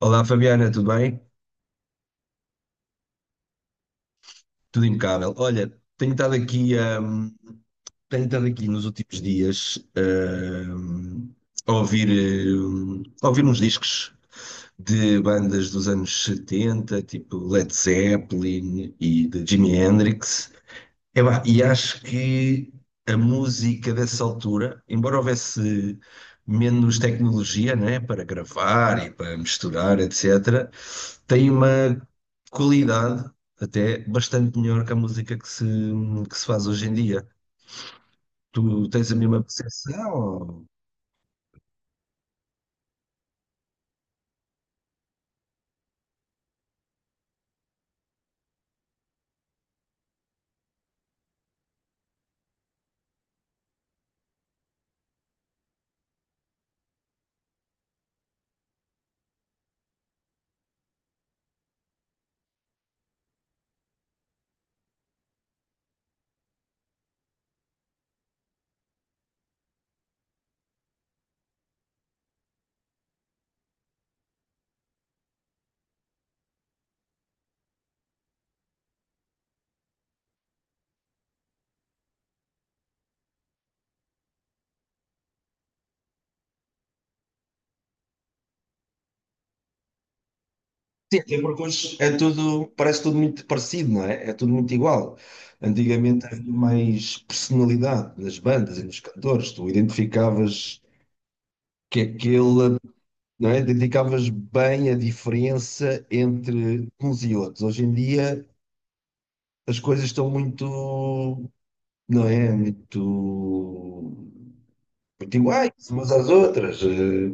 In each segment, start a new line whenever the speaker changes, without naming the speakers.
Olá, Fabiana, tudo bem? Tudo impecável. Olha, hum, tenho estado aqui nos últimos dias, hum, a ouvir, a ouvir uns discos de bandas dos anos 70, tipo Led Zeppelin e de Jimi Hendrix. Epá, e acho que a música dessa altura, embora houvesse menos tecnologia, né, para gravar e para misturar, etc., tem uma qualidade até bastante melhor que a música que se faz hoje em dia. Tu tens a mesma percepção? Ou... sim, até porque hoje é tudo, parece tudo muito parecido, não é? É tudo muito igual. Antigamente havia mais personalidade nas bandas e nos cantores, tu identificavas que aquele, não é? Identificavas bem a diferença entre uns e outros. Hoje em dia as coisas estão muito, não é? Muito, muito iguais umas às outras.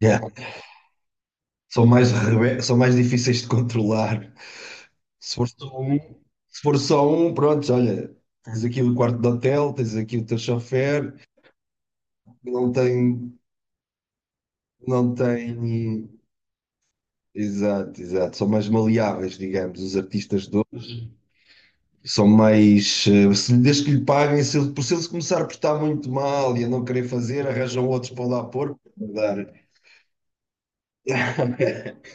Yeah. São mais, são mais difíceis de controlar. Se for só um, se for só um, pronto, olha, tens aqui o quarto de hotel, tens aqui o teu chofer, não tem, não tem. Exato, exato. São mais maleáveis, digamos, os artistas. De São mais. Se, desde que lhe paguem, se ele se começar a portar muito mal e a não querer fazer, arranjam outros para lá pôr, para dar.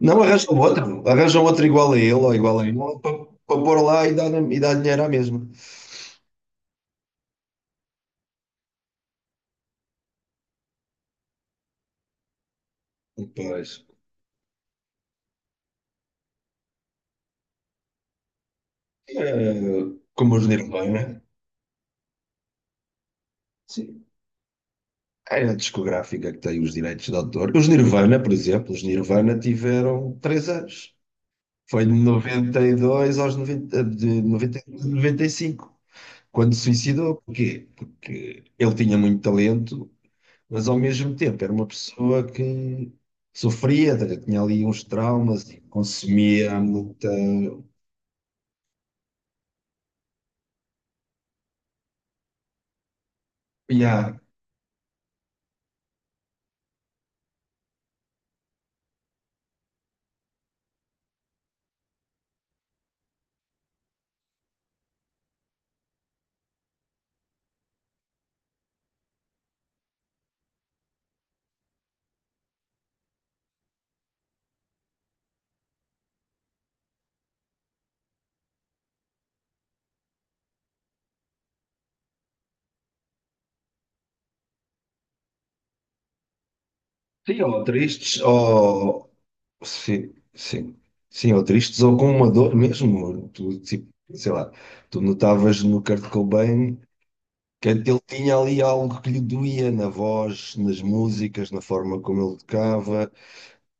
Não, arranjam outro. Arranjam outro igual a ele ou igual a ele para pôr lá e dar dinheiro à mesma. Pois. Eh, como os Nirvana. Sim. É a discográfica que tem os direitos de autor. Os Nirvana, por exemplo, os Nirvana tiveram três anos. Foi de 92 aos noventa, de 92 a noventa e cinco. Quando se suicidou, porquê? Porque ele tinha muito talento, mas ao mesmo tempo era uma pessoa que sofria, tinha ali uns traumas e consumia muita. Yeah. Sim, ou tristes, ou. Sim, sim. Sim, ou tristes, ou com uma dor mesmo. Tu, tipo, sei lá, tu notavas no Kurt Cobain que ele tinha ali algo que lhe doía na voz, nas músicas, na forma como ele tocava.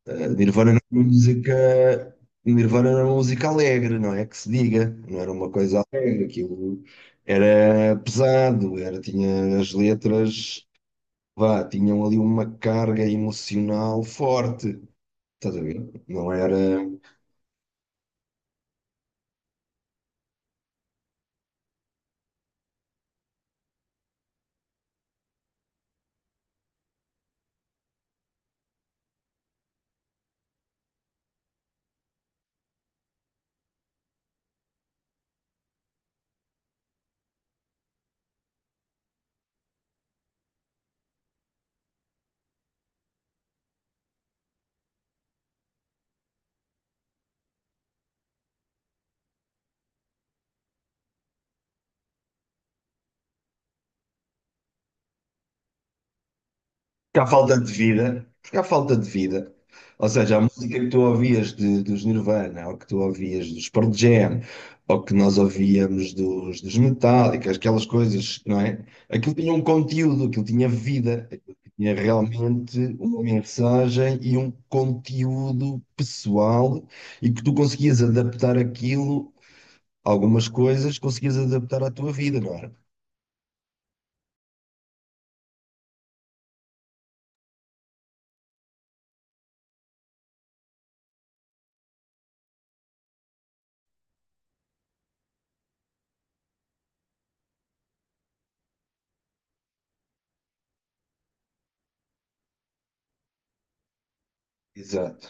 Nirvana era uma música, Nirvana era uma música alegre, não é que se diga, não era uma coisa alegre, aquilo era pesado, era, tinha as letras, vá, tinham ali uma carga emocional forte, estás a ver? Não era. Porque há falta de vida, porque há falta de vida. Ou seja, a música que tu ouvias dos Nirvana, ou que tu ouvias dos Pearl Jam, ou que nós ouvíamos dos Metallica, aquelas coisas, não é? Aquilo tinha um conteúdo, aquilo tinha vida, aquilo tinha realmente uma mensagem e um conteúdo pessoal e que tu conseguias adaptar aquilo, algumas coisas conseguias adaptar à tua vida, não era? Exato.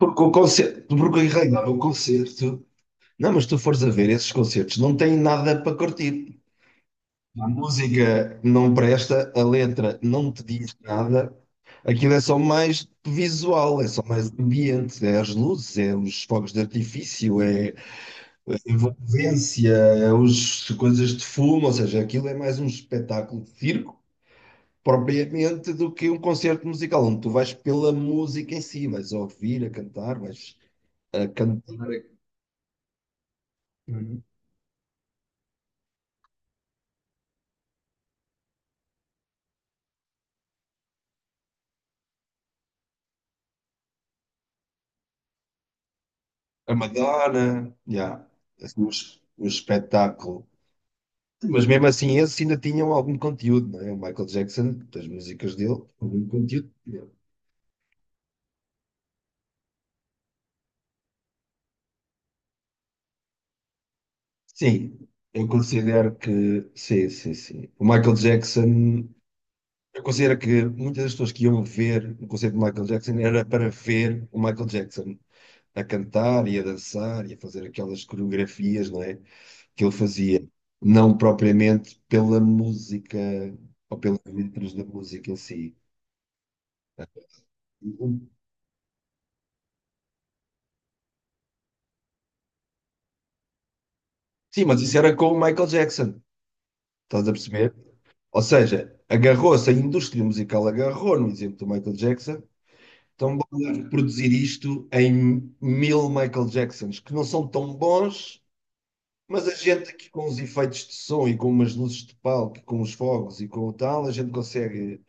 Porque o concerto, porque em realidade o concerto. Não, mas tu fores a ver esses concertos, não tem nada para curtir. A música não presta, a letra não te diz nada. Aquilo é só mais visual, é só mais ambiente, é as luzes, é os fogos de artifício, é a envolvência, é os coisas de fumo, ou seja, aquilo é mais um espetáculo de circo propriamente do que um concerto musical, onde tu vais pela música em si, vais ouvir a cantar, vais a cantar. A Madonna, yeah, o espetáculo. Mas mesmo assim, esses ainda tinham algum conteúdo, não é? O Michael Jackson, das músicas dele, algum conteúdo. Sim, eu considero que. Sim, sim, sim. O Michael Jackson. Eu considero que muitas das pessoas que iam ver o concerto de Michael Jackson era para ver o Michael Jackson a cantar e a dançar e a fazer aquelas coreografias, não é? Que ele fazia, não propriamente pela música ou pelas letras da música em si. Sim, mas isso era com o Michael Jackson, estás a perceber? Ou seja, agarrou-se, a indústria musical agarrou no exemplo do Michael Jackson, então vamos reproduzir isto em mil Michael Jacksons, que não são tão bons, mas a gente aqui com os efeitos de som e com umas luzes de palco, com os fogos e com o tal, a gente consegue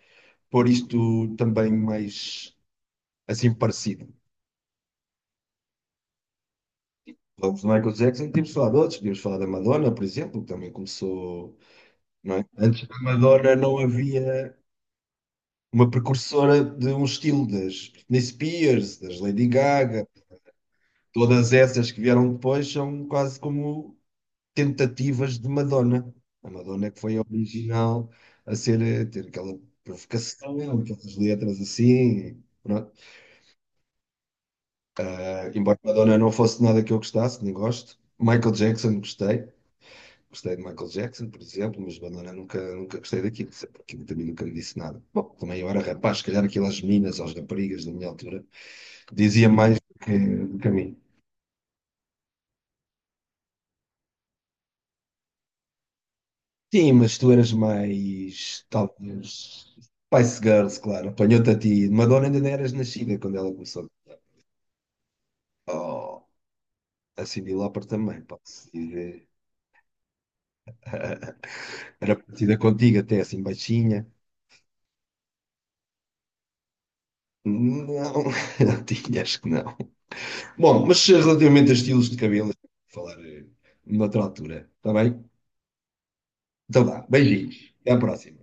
pôr isto também mais assim parecido. Os Michael Jackson tínhamos falado de outros, tínhamos falado da Madonna, por exemplo, que também começou, não é? Antes da Madonna não havia uma precursora de um estilo das Britney Spears, das Lady Gaga, todas essas que vieram depois são quase como tentativas de Madonna. A Madonna é que foi a original a ser, a ter aquela provocação, aquelas letras assim, pronto. Ah, embora Madonna não fosse nada que eu gostasse, nem gosto, Michael Jackson gostei. Gostei de Michael Jackson, por exemplo, mas Madonna nunca, nunca gostei daquilo, sempre aquilo também nunca me disse nada. Bom, também eu era rapaz, se calhar aquilo às meninas, aos raparigas da minha altura, dizia mais do que a mim. Sim, mas tu eras mais, talvez, Spice Girls, claro, apanhou-te a ti. Madonna ainda não eras nascida quando ela começou. Oh, a Cyndi Lauper também, pode-se dizer. Era parecida contigo, até assim baixinha. Não, não tinha, acho que não. Bom, mas relativamente a estilos de cabelo, vou falar noutra altura, está bem? Então vá, beijinhos, até à próxima.